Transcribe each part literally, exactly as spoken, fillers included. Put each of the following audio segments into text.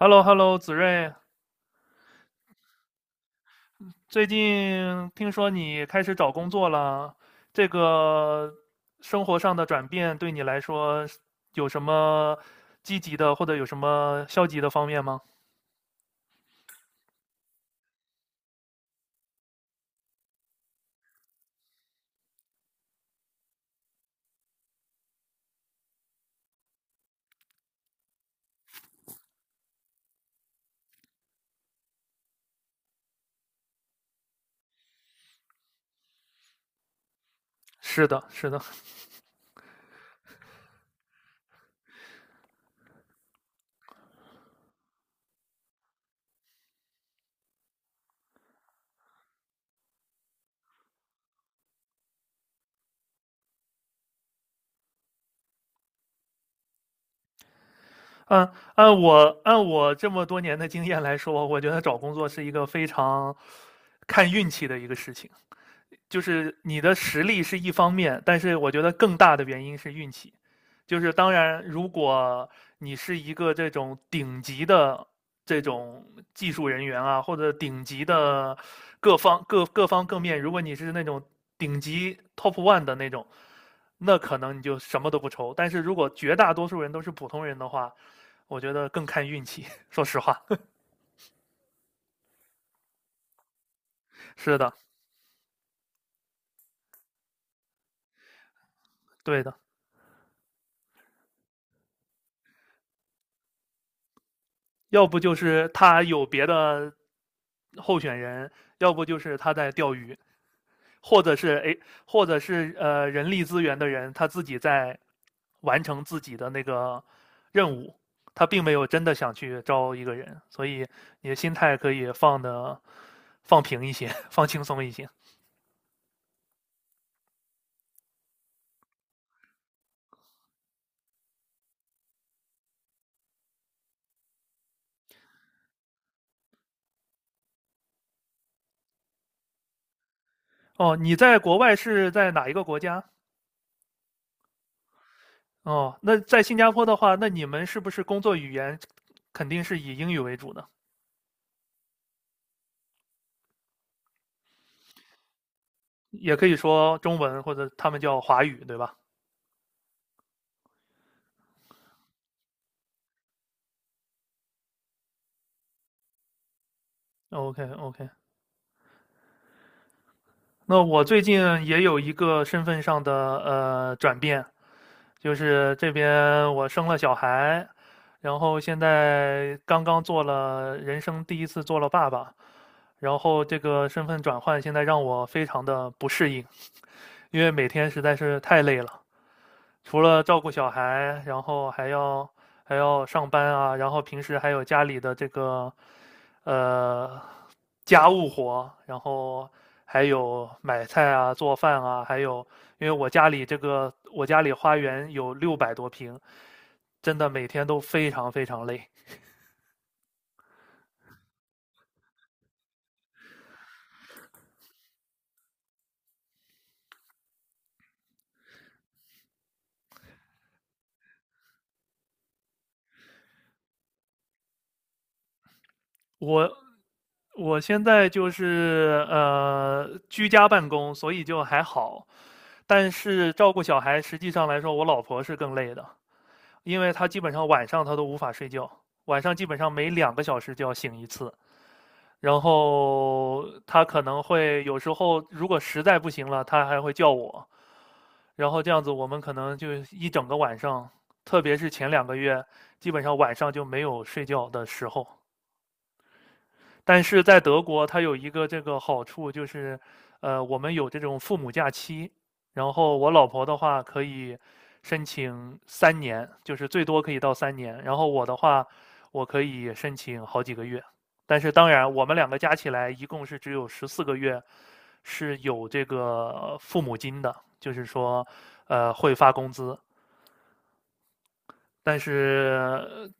h e l l o h e l l o 子睿，最近听说你开始找工作了，这个生活上的转变对你来说有什么积极的或者有什么消极的方面吗？是的，是的。按按我按我这么多年的经验来说，我觉得找工作是一个非常看运气的一个事情。就是你的实力是一方面，但是我觉得更大的原因是运气。就是当然，如果你是一个这种顶级的这种技术人员啊，或者顶级的各方各各方各面，如果你是那种顶级 top one 的那种，那可能你就什么都不愁。但是如果绝大多数人都是普通人的话，我觉得更看运气。说实话。是的，对的。要不就是他有别的候选人，要不就是他在钓鱼，或者是哎，或者是呃人力资源的人他自己在完成自己的那个任务，他并没有真的想去招一个人，所以你的心态可以放的放平一些，放轻松一些。哦，你在国外是在哪一个国家？哦，那在新加坡的话，那你们是不是工作语言肯定是以英语为主的？也可以说中文或者他们叫华语，对吧？OK， OK。那我最近也有一个身份上的呃转变，就是这边我生了小孩，然后现在刚刚做了人生第一次做了爸爸，然后这个身份转换现在让我非常的不适应，因为每天实在是太累了，除了照顾小孩，然后还要还要上班啊，然后平时还有家里的这个。呃，家务活，然后还有买菜啊、做饭啊，还有因为我家里这个我家里花园有六百多平，真的每天都非常非常累。我我现在就是呃居家办公，所以就还好，但是照顾小孩实际上来说，我老婆是更累的，因为她基本上晚上她都无法睡觉，晚上基本上每两个小时就要醒一次。然后他可能会有时候，如果实在不行了，他还会叫我。然后这样子，我们可能就一整个晚上，特别是前两个月，基本上晚上就没有睡觉的时候。但是在德国，它有一个这个好处就是，呃，我们有这种父母假期，然后我老婆的话可以申请三年，就是最多可以到三年，然后我的话，我可以申请好几个月。但是当然，我们两个加起来一共是只有十四个月是有这个父母金的，就是说，呃，会发工资，但是呃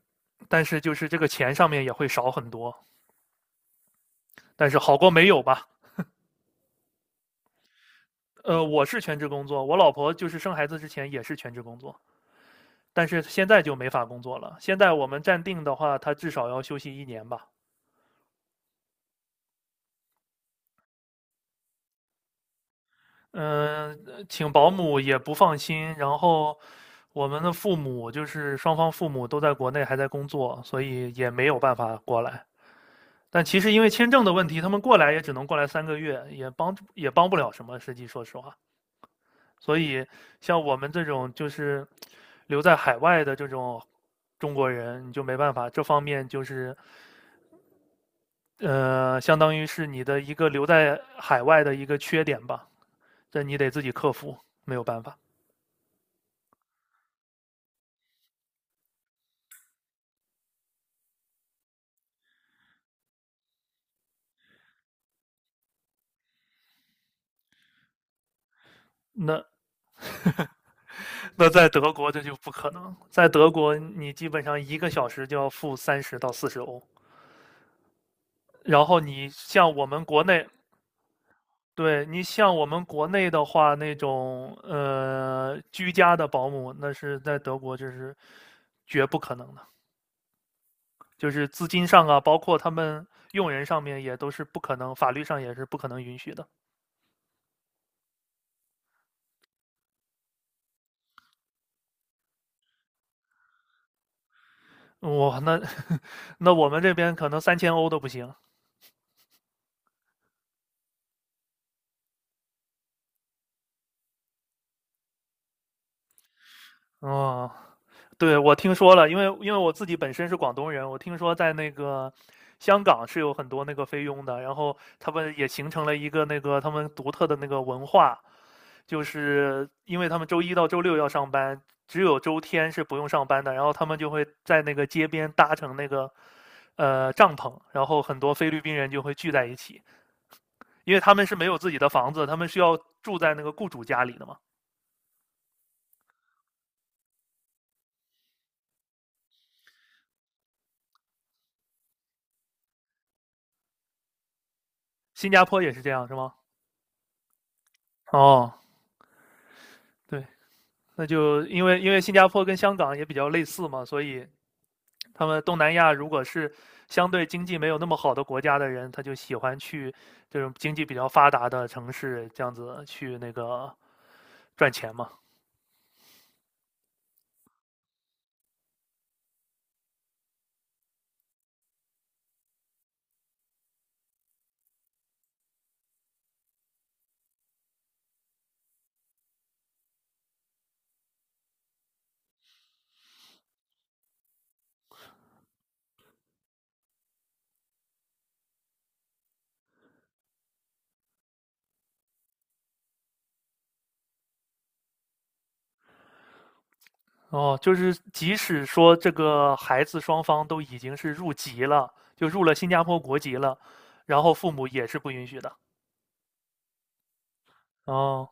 但是就是这个钱上面也会少很多，但是好过没有吧。呃，我是全职工作，我老婆就是生孩子之前也是全职工作，但是现在就没法工作了。现在我们暂定的话，她至少要休息一年吧。嗯、呃请保姆也不放心，然后我们的父母就是双方父母都在国内还在工作，所以也没有办法过来。但其实因为签证的问题，他们过来也只能过来三个月，也帮也帮不了什么。实际说实话，所以像我们这种就是留在海外的这种中国人，你就没办法，这方面就是呃，相当于是你的一个留在海外的一个缺点吧，这你得自己克服，没有办法。那那在德国这就不可能，在德国你基本上一个小时就要付三十到四十欧，然后你像我们国内，对，你像我们国内的话，那种呃居家的保姆，那是在德国这是绝不可能的，就是资金上啊，包括他们用人上面也都是不可能，法律上也是不可能允许的。哇，那 那我们这边可能三千欧都不行。哦，对，我听说了，因为因为我自己本身是广东人，我听说在那个香港是有很多那个菲佣的，然后他们也形成了一个那个他们独特的那个文化。就是因为他们周一到周六要上班，只有周天是不用上班的。然后他们就会在那个街边搭成那个呃帐篷，然后很多菲律宾人就会聚在一起，因为他们是没有自己的房子，他们是要住在那个雇主家里的嘛。新加坡也是这样，是吗？哦，对。那就因为因为新加坡跟香港也比较类似嘛，所以他们东南亚如果是相对经济没有那么好的国家的人，他就喜欢去这种经济比较发达的城市，这样子去那个赚钱嘛。哦，就是即使说这个孩子双方都已经是入籍了，就入了新加坡国籍了，然后父母也是不允许的。哦，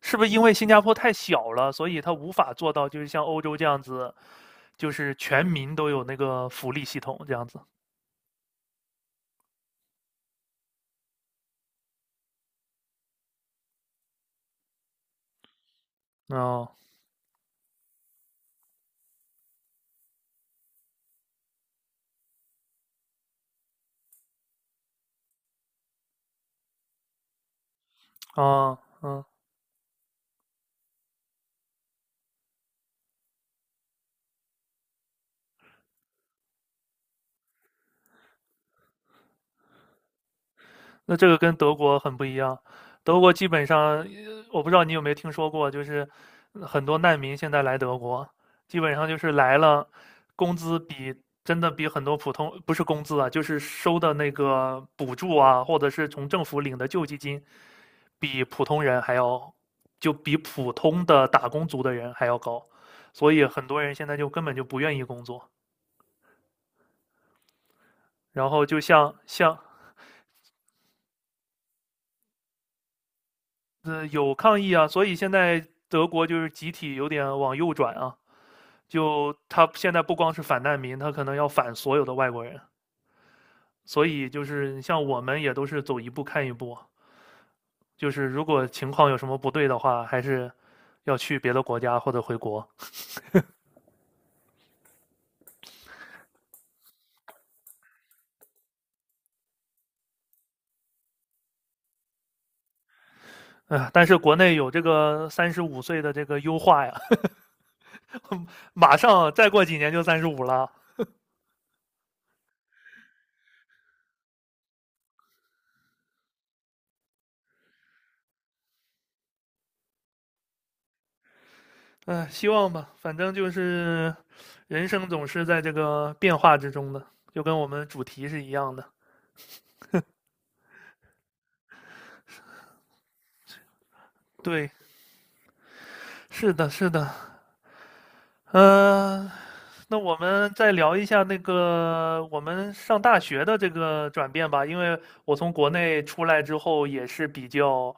是不是因为新加坡太小了，所以他无法做到就是像欧洲这样子，就是全民都有那个福利系统这样子？哦，哦，嗯。那这个跟德国很不一样，德国基本上，呃我不知道你有没有听说过，就是很多难民现在来德国，基本上就是来了，工资比真的比很多普通，不是工资啊，就是收的那个补助啊，或者是从政府领的救济金，比普通人还要，就比普通的打工族的人还要高，所以很多人现在就根本就不愿意工作，然后就像像有抗议啊，所以现在德国就是集体有点往右转啊，就他现在不光是反难民，他可能要反所有的外国人，所以就是像我们也都是走一步看一步啊，就是如果情况有什么不对的话，还是要去别的国家或者回国。哎，但是国内有这个三十五岁的这个优化呀，马上再过几年就三十五了。哎，希望吧，反正就是人生总是在这个变化之中的，就跟我们主题是一样的。对，是的，是的。呃，那我们再聊一下那个我们上大学的这个转变吧，因为我从国内出来之后也是比较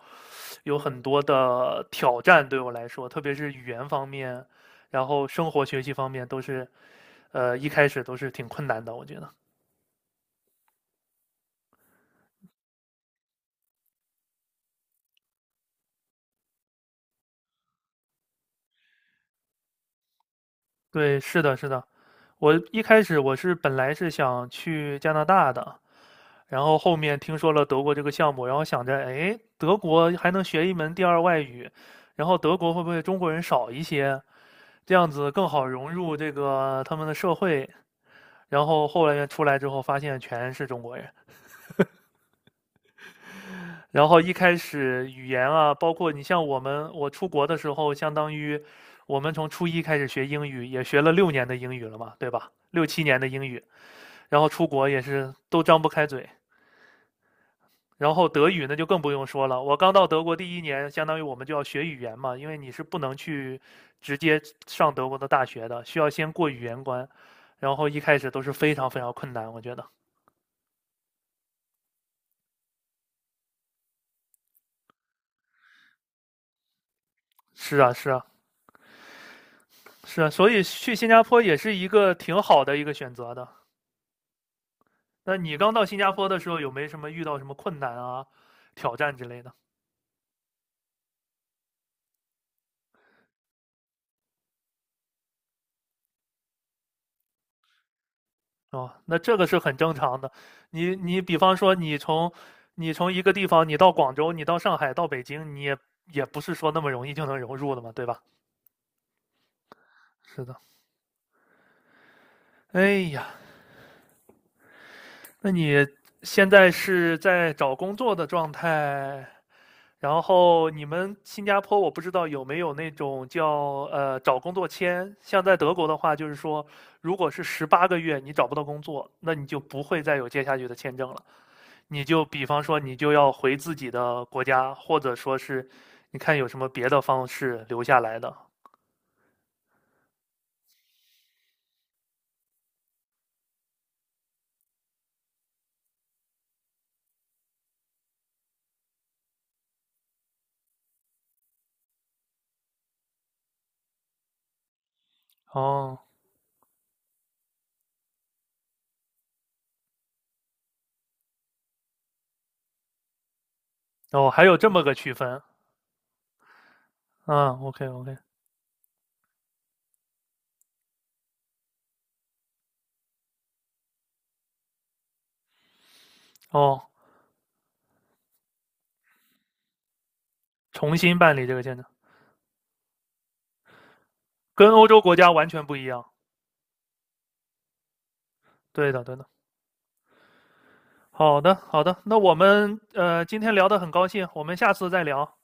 有很多的挑战对我来说，特别是语言方面，然后生活学习方面都是，呃，一开始都是挺困难的，我觉得。对，是的，是的。我一开始我是本来是想去加拿大的，然后后面听说了德国这个项目，然后想着，哎，德国还能学一门第二外语，然后德国会不会中国人少一些，这样子更好融入这个他们的社会？然后后来出来之后，发现全是中国人。然后一开始语言啊，包括你像我们，我出国的时候，相当于我们从初一开始学英语，也学了六年的英语了嘛，对吧？六七年的英语，然后出国也是都张不开嘴，然后德语那就更不用说了，我刚到德国第一年，相当于我们就要学语言嘛，因为你是不能去直接上德国的大学的，需要先过语言关，然后一开始都是非常非常困难，我觉得。是啊，是啊，是啊，所以去新加坡也是一个挺好的一个选择的。那你刚到新加坡的时候，有没什么遇到什么困难啊、挑战之类的？哦，那这个是很正常的。你你比方说，你从你从一个地方，你到广州，你到上海，到北京，你也也不是说那么容易就能融入的嘛，对吧？是的。哎呀，那你现在是在找工作的状态，然后你们新加坡我不知道有没有那种叫呃找工作签，像在德国的话，就是说如果是十八个月你找不到工作，那你就不会再有接下去的签证了。你就比方说，你就要回自己的国家，或者说是你看有什么别的方式留下来的。哦，哦，还有这么个区分。嗯，OK OK。哦，重新办理这个签证，跟欧洲国家完全不一样。对的，对的。好的，好的。那我们呃今天聊得很高兴，我们下次再聊。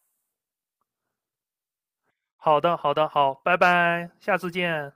好的，好的，好，拜拜，下次见。